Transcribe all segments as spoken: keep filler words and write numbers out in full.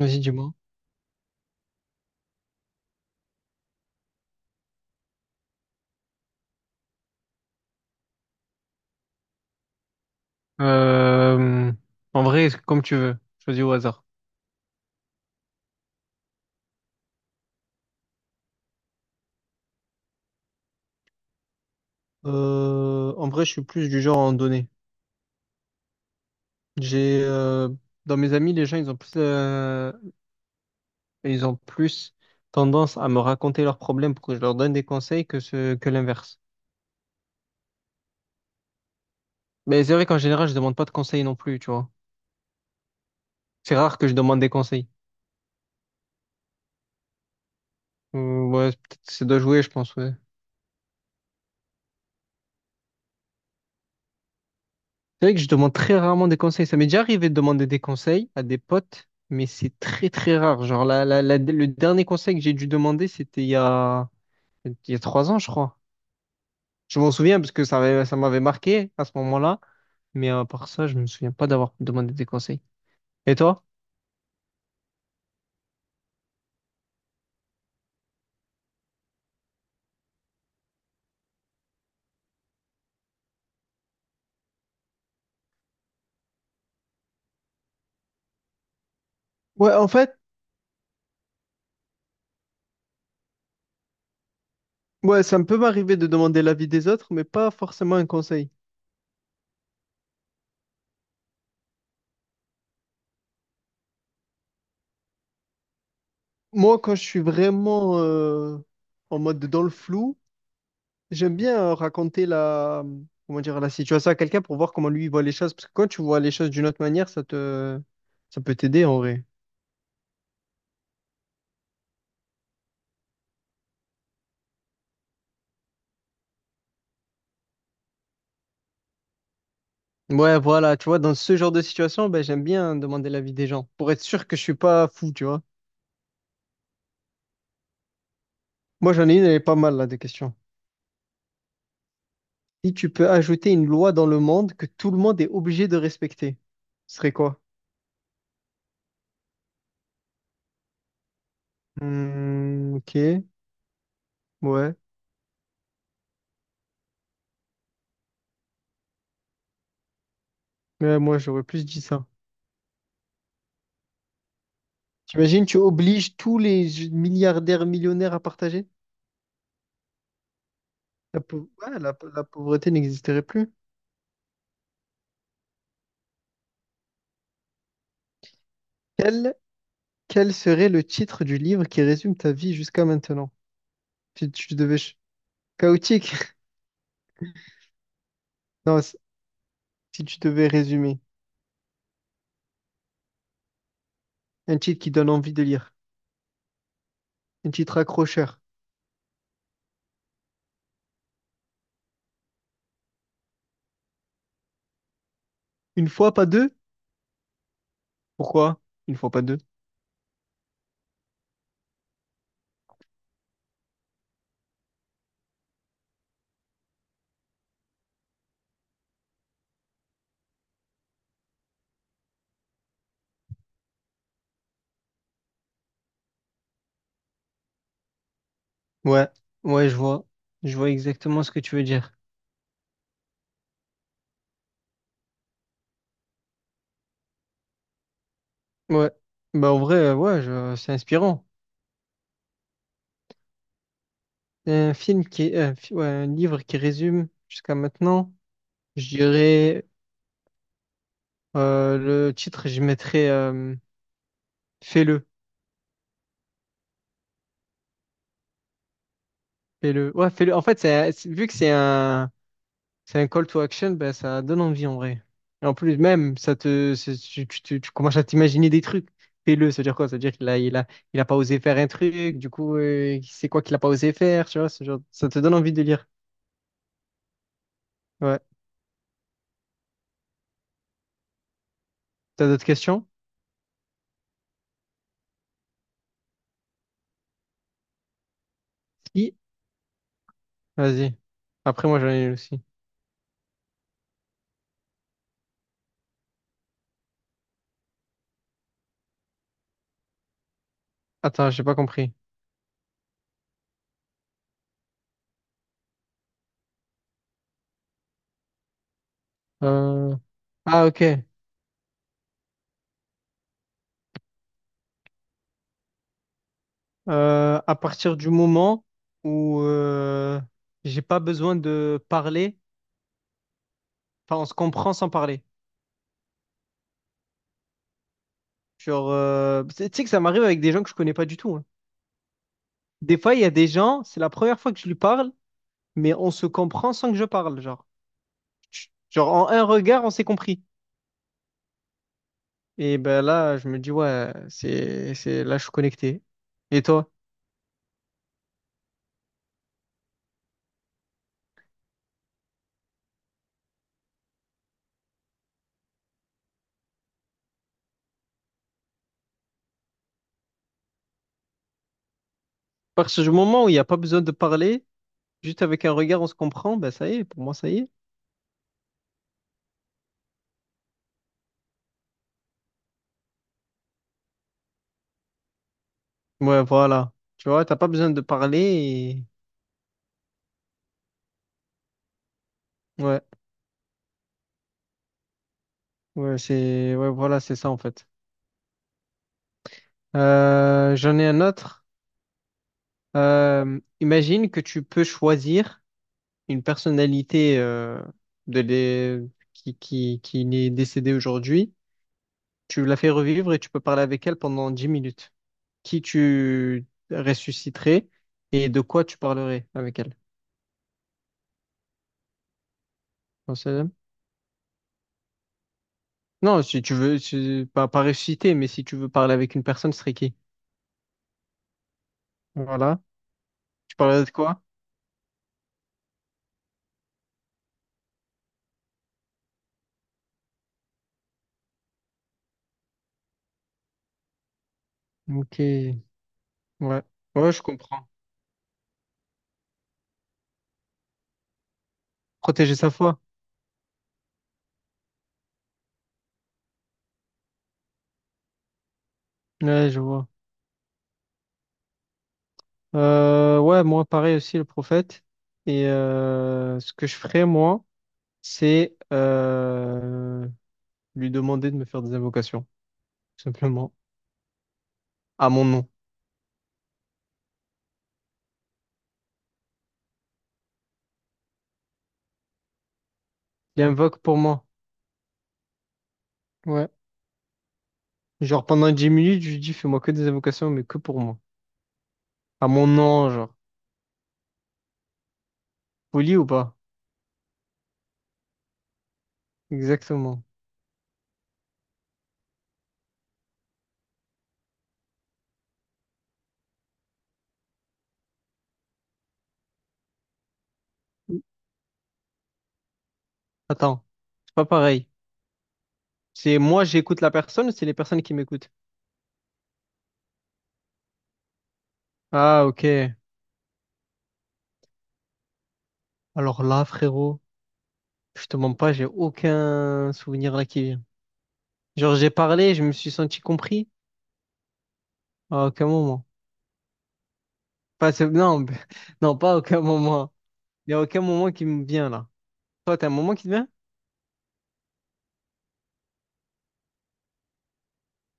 Vas-y, dis-moi. Euh, en vrai, comme tu veux. Choisis au hasard. Euh, en vrai, je suis plus du genre à en donner. J'ai euh, dans mes amis, les gens, ils ont plus, euh, ils ont plus tendance à me raconter leurs problèmes pour que je leur donne des conseils que ce que l'inverse. Mais c'est vrai qu'en général, je demande pas de conseils non plus, tu vois. C'est rare que je demande des conseils. Euh, ouais, peut-être c'est de jouer, je pense. Ouais. C'est vrai que je demande très rarement des conseils. Ça m'est déjà arrivé de demander des conseils à des potes, mais c'est très très rare. Genre la, la- la- le dernier conseil que j'ai dû demander, c'était il y a, il y a trois ans, je crois. Je m'en souviens parce que ça avait- ça m'avait marqué à ce moment-là. Mais à part ça, je me souviens pas d'avoir demandé des conseils. Et toi? Ouais, en fait, ouais, ça me peut m'arriver de demander l'avis des autres, mais pas forcément un conseil. Moi, quand je suis vraiment euh, en mode dans le flou, j'aime bien euh, raconter la, comment dire, la situation à quelqu'un pour voir comment lui il voit les choses. Parce que quand tu vois les choses d'une autre manière, ça te, ça peut t'aider en vrai. Ouais, voilà, tu vois, dans ce genre de situation, ben, j'aime bien demander l'avis des gens pour être sûr que je suis pas fou, tu vois. Moi, j'en ai une, elle est pas mal là, des questions. Si tu peux ajouter une loi dans le monde que tout le monde est obligé de respecter, ce serait quoi? Hmm, ok, ouais. Mais moi, j'aurais plus dit ça. T'imagines, tu obliges tous les milliardaires, millionnaires à partager? La, pau- ouais, la- la pauvreté n'existerait plus. Quel, quel serait le titre du livre qui résume ta vie jusqu'à maintenant? Si tu devais... ch- Chaotique? Non, si si tu devais résumer. Un titre qui donne envie de lire. Un titre accrocheur. Une fois, pas deux? Pourquoi? Une fois, pas deux. Ouais, ouais, je vois. Je vois exactement ce que tu veux dire. Ouais. Bah, en vrai, euh, ouais, je- c'est inspirant. Un film qui... Un, fi- ouais, un livre qui résume jusqu'à maintenant. Je dirais... euh, le titre, je mettrais... euh, fais-le. Fais-le. Ouais, fais-le. En fait, c'est, c'est- vu que c'est un, c'est un call to action, bah, ça donne envie en vrai. Et en plus, même, ça te, c'est- tu, tu, tu- tu commences à t'imaginer des trucs. Fais-le, ça veut dire quoi? Ça veut dire qu'il a, il a, il a pas osé faire un truc, du coup, euh, c'est quoi qu'il a pas osé faire, tu vois, ce genre, ça te donne envie de lire. Ouais. T'as d'autres questions? Si. Vas-y. Après, moi, j'en ai une aussi. Attends, j'ai pas compris. Euh, Ah, ok. Euh, à partir du moment où euh, j'ai pas besoin de parler, enfin, on se comprend sans parler. Genre, euh, Tu sais que ça m'arrive avec des gens que je connais pas du tout, hein. Des fois, il y a des gens, c'est la première fois que je lui parle, mais on se comprend sans que je parle. Genre, genre en un regard, on s'est compris. Et ben là, je me dis, ouais, c'est, c'est, là, je suis connecté. Et toi? Parce que du moment où il n'y a pas besoin de parler, juste avec un regard, on se comprend, ben ça y est, pour moi, ça y est. Ouais, voilà. Tu vois, t'as pas besoin de parler et... Ouais, ouais, c'est... Ouais, voilà, c'est ça, en fait. Euh, j'en ai un autre. Euh, imagine que tu peux choisir une personnalité euh, de l'é- qui, qui, qui est décédée aujourd'hui, tu la fais revivre et tu peux parler avec elle pendant dix minutes. Qui tu ressusciterais et de quoi tu parlerais avec elle? Non, c'est- non, si tu veux, si- pas, pas ressusciter, mais si tu veux parler avec une personne, ce serait qui? Voilà. Tu parlerais de quoi? Ok. Ouais. Ouais, je comprends. Protéger sa foi. Ouais, je vois. Euh, ouais, moi, pareil aussi, le prophète. Et euh, ce que je ferais, moi, c'est euh, lui demander de me faire des invocations, tout simplement, à mon nom. Il invoque pour moi. Ouais. Genre pendant dix minutes, je lui dis, fais-moi que des invocations, mais que pour moi. À mon nom, genre. Poli ou pas? Exactement. Attends, c'est pas pareil. C'est moi, j'écoute la personne, c'est les personnes qui m'écoutent. Ah, ok. Alors là, frérot, je te mens pas, j'ai aucun souvenir là qui vient. Genre, j'ai parlé, je me suis senti compris à aucun moment. Pas, non, non, pas à aucun moment. Il n'y a aucun moment qui me vient là. Toi, t'as un moment qui te vient?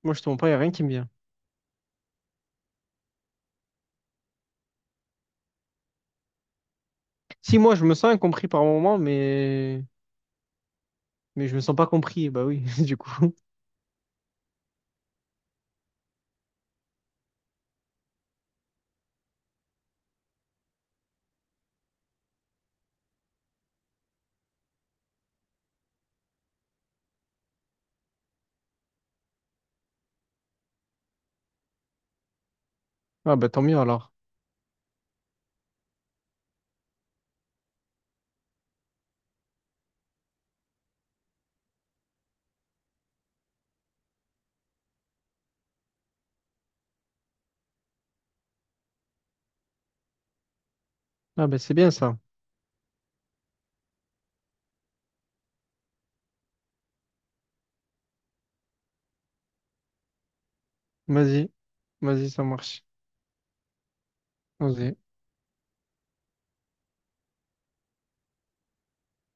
Moi, je te mens pas, il n'y a rien qui me vient. Si, moi, je me sens incompris par moment, mais... mais je me sens pas compris. Bah oui, du coup. Ah bah tant mieux alors. Ah bah c'est bien ça. Vas-y. Vas-y, ça marche. Vas-y.